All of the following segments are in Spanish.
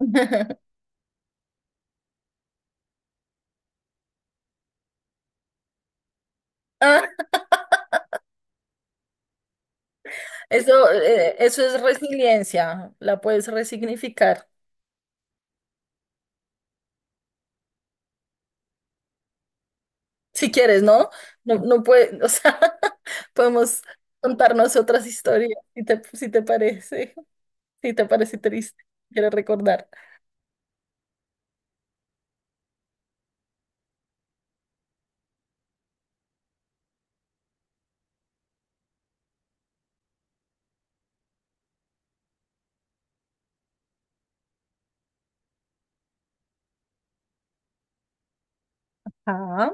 Ah, eso es resiliencia, la puedes resignificar si quieres, ¿no? No, no puede, o sea, podemos contarnos otras historias si te parece, si te parece triste, quiero recordar. Ah,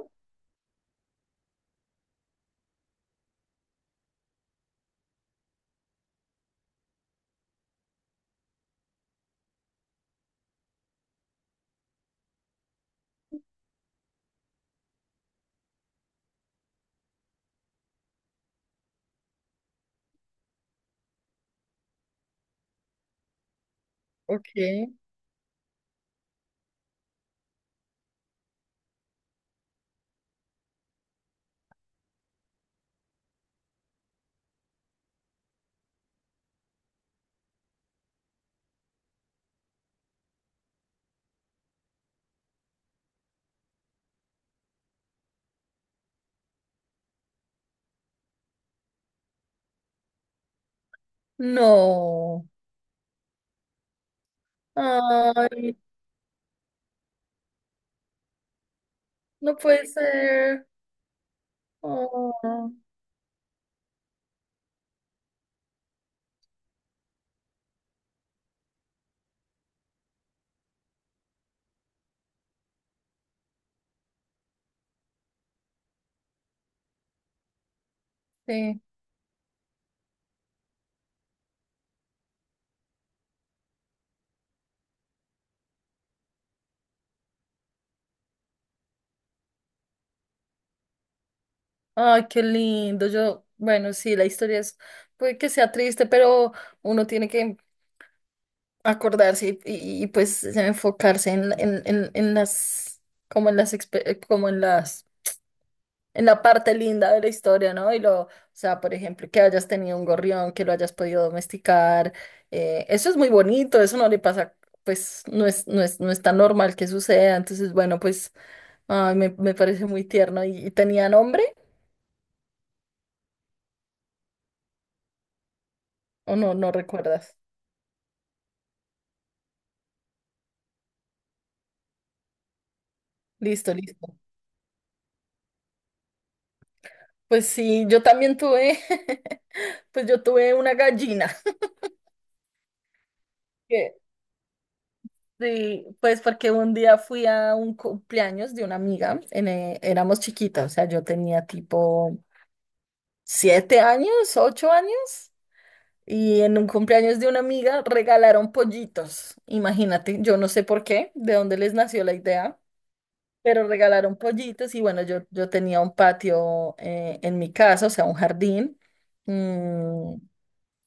ok. No. Ay, no puede ser. Oh, sí. Ay, qué lindo. Yo, bueno, sí, la historia es, puede que sea triste, pero uno tiene que acordarse pues enfocarse como en las, expe- como en las, en la parte linda de la historia, ¿no? Y o sea, por ejemplo, que hayas tenido un gorrión, que lo hayas podido domesticar, eso es muy bonito, eso no le pasa, pues no es tan normal que suceda, entonces, bueno, pues, ay, me parece muy tierno. ¿Y tenía nombre o no recuerdas? Listo, listo. Pues sí, yo también tuve, pues yo tuve una gallina. Sí, pues porque un día fui a un cumpleaños de una amiga, éramos chiquitas, o sea, yo tenía tipo 7 años, 8 años, y en un cumpleaños de una amiga regalaron pollitos, imagínate, yo no sé por qué, de dónde les nació la idea, pero regalaron pollitos y bueno, yo tenía un patio en mi casa, o sea, un jardín. mm,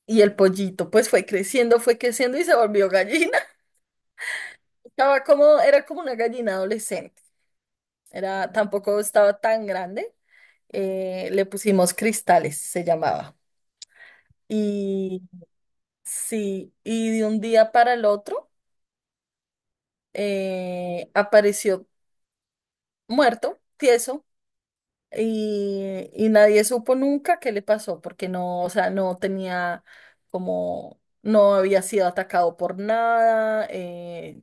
y el pollito pues fue creciendo y se volvió gallina. estaba como, era como una gallina adolescente. Era, tampoco estaba tan grande. Le pusimos Cristales, se llamaba. Y sí, y de un día para el otro apareció muerto, tieso. Y nadie supo nunca qué le pasó, porque no, o sea, no tenía como, no había sido atacado por nada.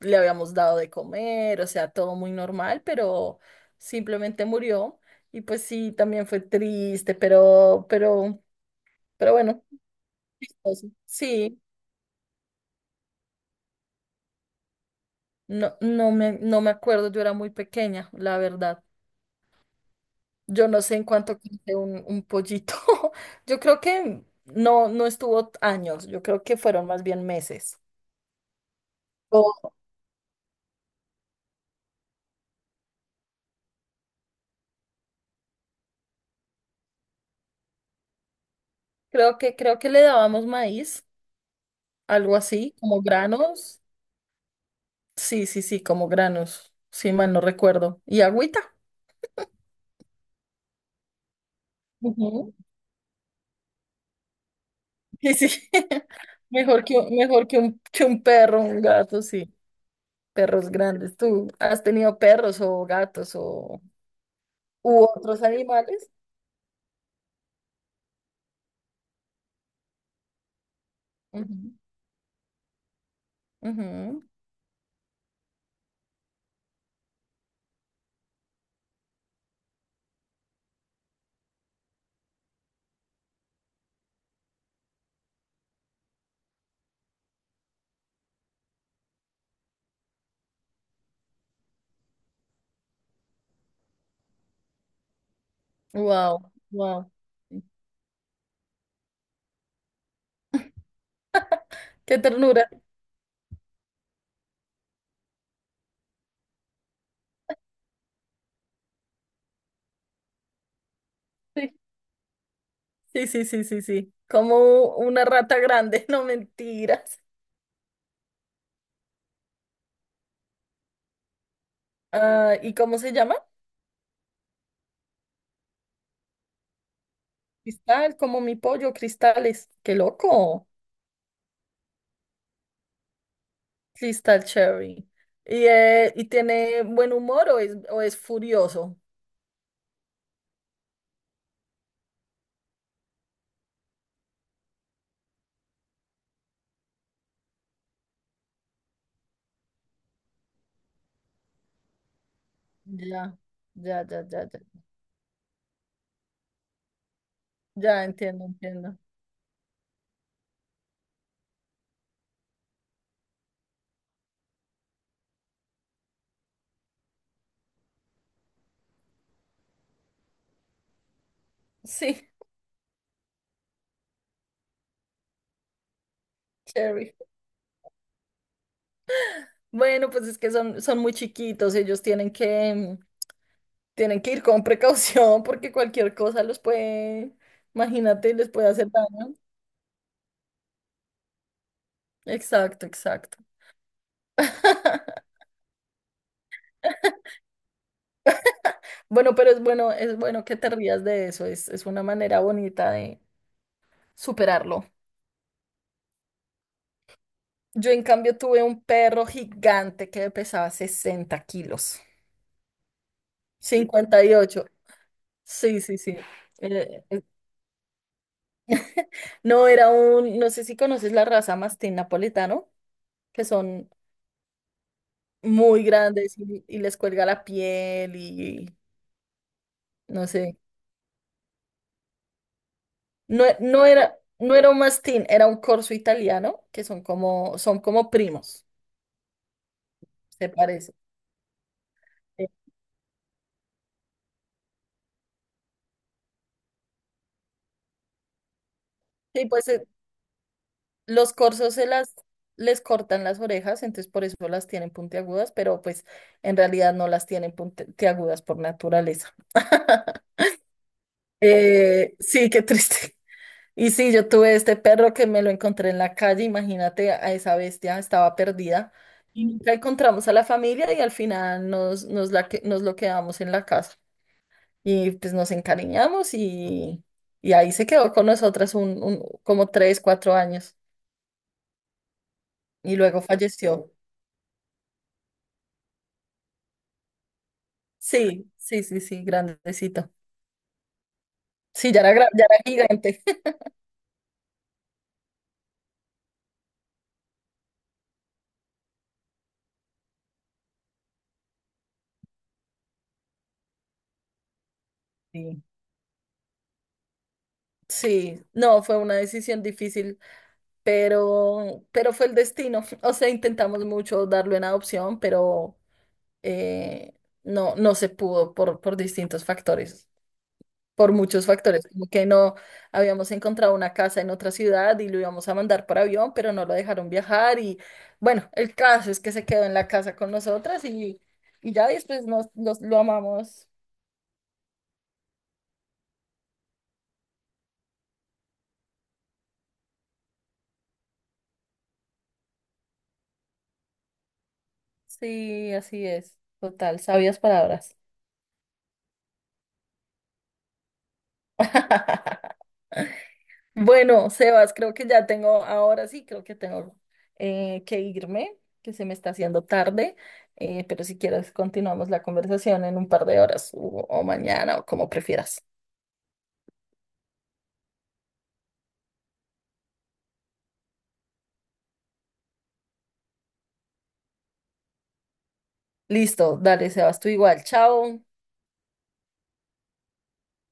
Le habíamos dado de comer, o sea, todo muy normal, pero simplemente murió. Y pues sí, también fue triste, pero bueno, chistoso. Sí, no, no me acuerdo, yo era muy pequeña, la verdad. Yo no sé en cuánto quise un pollito. Yo creo que no estuvo años, yo creo que fueron más bien meses. O creo que le dábamos maíz, algo así, como granos. Sí, sí, sí, como granos. Sí, mal no recuerdo. Y agüita. Ujú. Sí, sí. Mejor que un perro, un gato, sí. Perros grandes. ¿Tú has tenido perros o gatos o u otros animales? Wow, wow. Qué ternura. Sí, sí, sí, sí, sí. Sí. Como una rata grande, no mentiras. Ah, ¿y cómo se llama? Cristal, como mi pollo, Cristales. Qué loco. Cristal Cherry. ¿Y tiene buen humor o es, furioso? Ya, ya, ya, ya, ya. Ya entiendo, entiendo. Sí, Cherry. Bueno, pues es que son muy chiquitos, ellos tienen que ir con precaución, porque cualquier cosa los puede, imagínate, les puede hacer daño. Exacto, exacto. Bueno, pero es bueno que te rías de eso, es una manera bonita de superarlo. Yo en cambio tuve un perro gigante que pesaba 60 kilos, 58. Sí, sí, sí. Eh, eh, no sé si conoces la raza mastín napolitano, que son muy grandes y les cuelga la piel y no sé. No, no era un mastín, era un corso italiano, que son como primos, se parece. Sí, pues los corzos se las les cortan las orejas, entonces por eso las tienen puntiagudas, pero pues en realidad no las tienen puntiagudas por naturaleza. Sí, qué triste. Y sí, yo tuve este perro que me lo encontré en la calle, imagínate a esa bestia, estaba perdida. Y nunca encontramos a la familia y al final nos lo quedamos en la casa. Y pues nos encariñamos y ahí se quedó con nosotras como 3, 4 años. Y luego falleció. Sí, sí, sí, sí, grandecito. Sí, ya era gigante. Sí. Sí, no, fue una decisión difícil, pero fue el destino. O sea, intentamos mucho darlo en adopción, pero eh, no se pudo por distintos factores, por muchos factores, como que no habíamos encontrado una casa en otra ciudad y lo íbamos a mandar por avión, pero no lo dejaron viajar y bueno, el caso es que se quedó en la casa con nosotras y ya después lo amamos. Sí, así es. Total, sabias palabras. Bueno, Sebas, creo que ya tengo, ahora sí, creo que tengo que irme, que se me está haciendo tarde. Pero si quieres continuamos la conversación en un par de horas o mañana o como prefieras. Listo, dale, Sebas, tú igual, chao.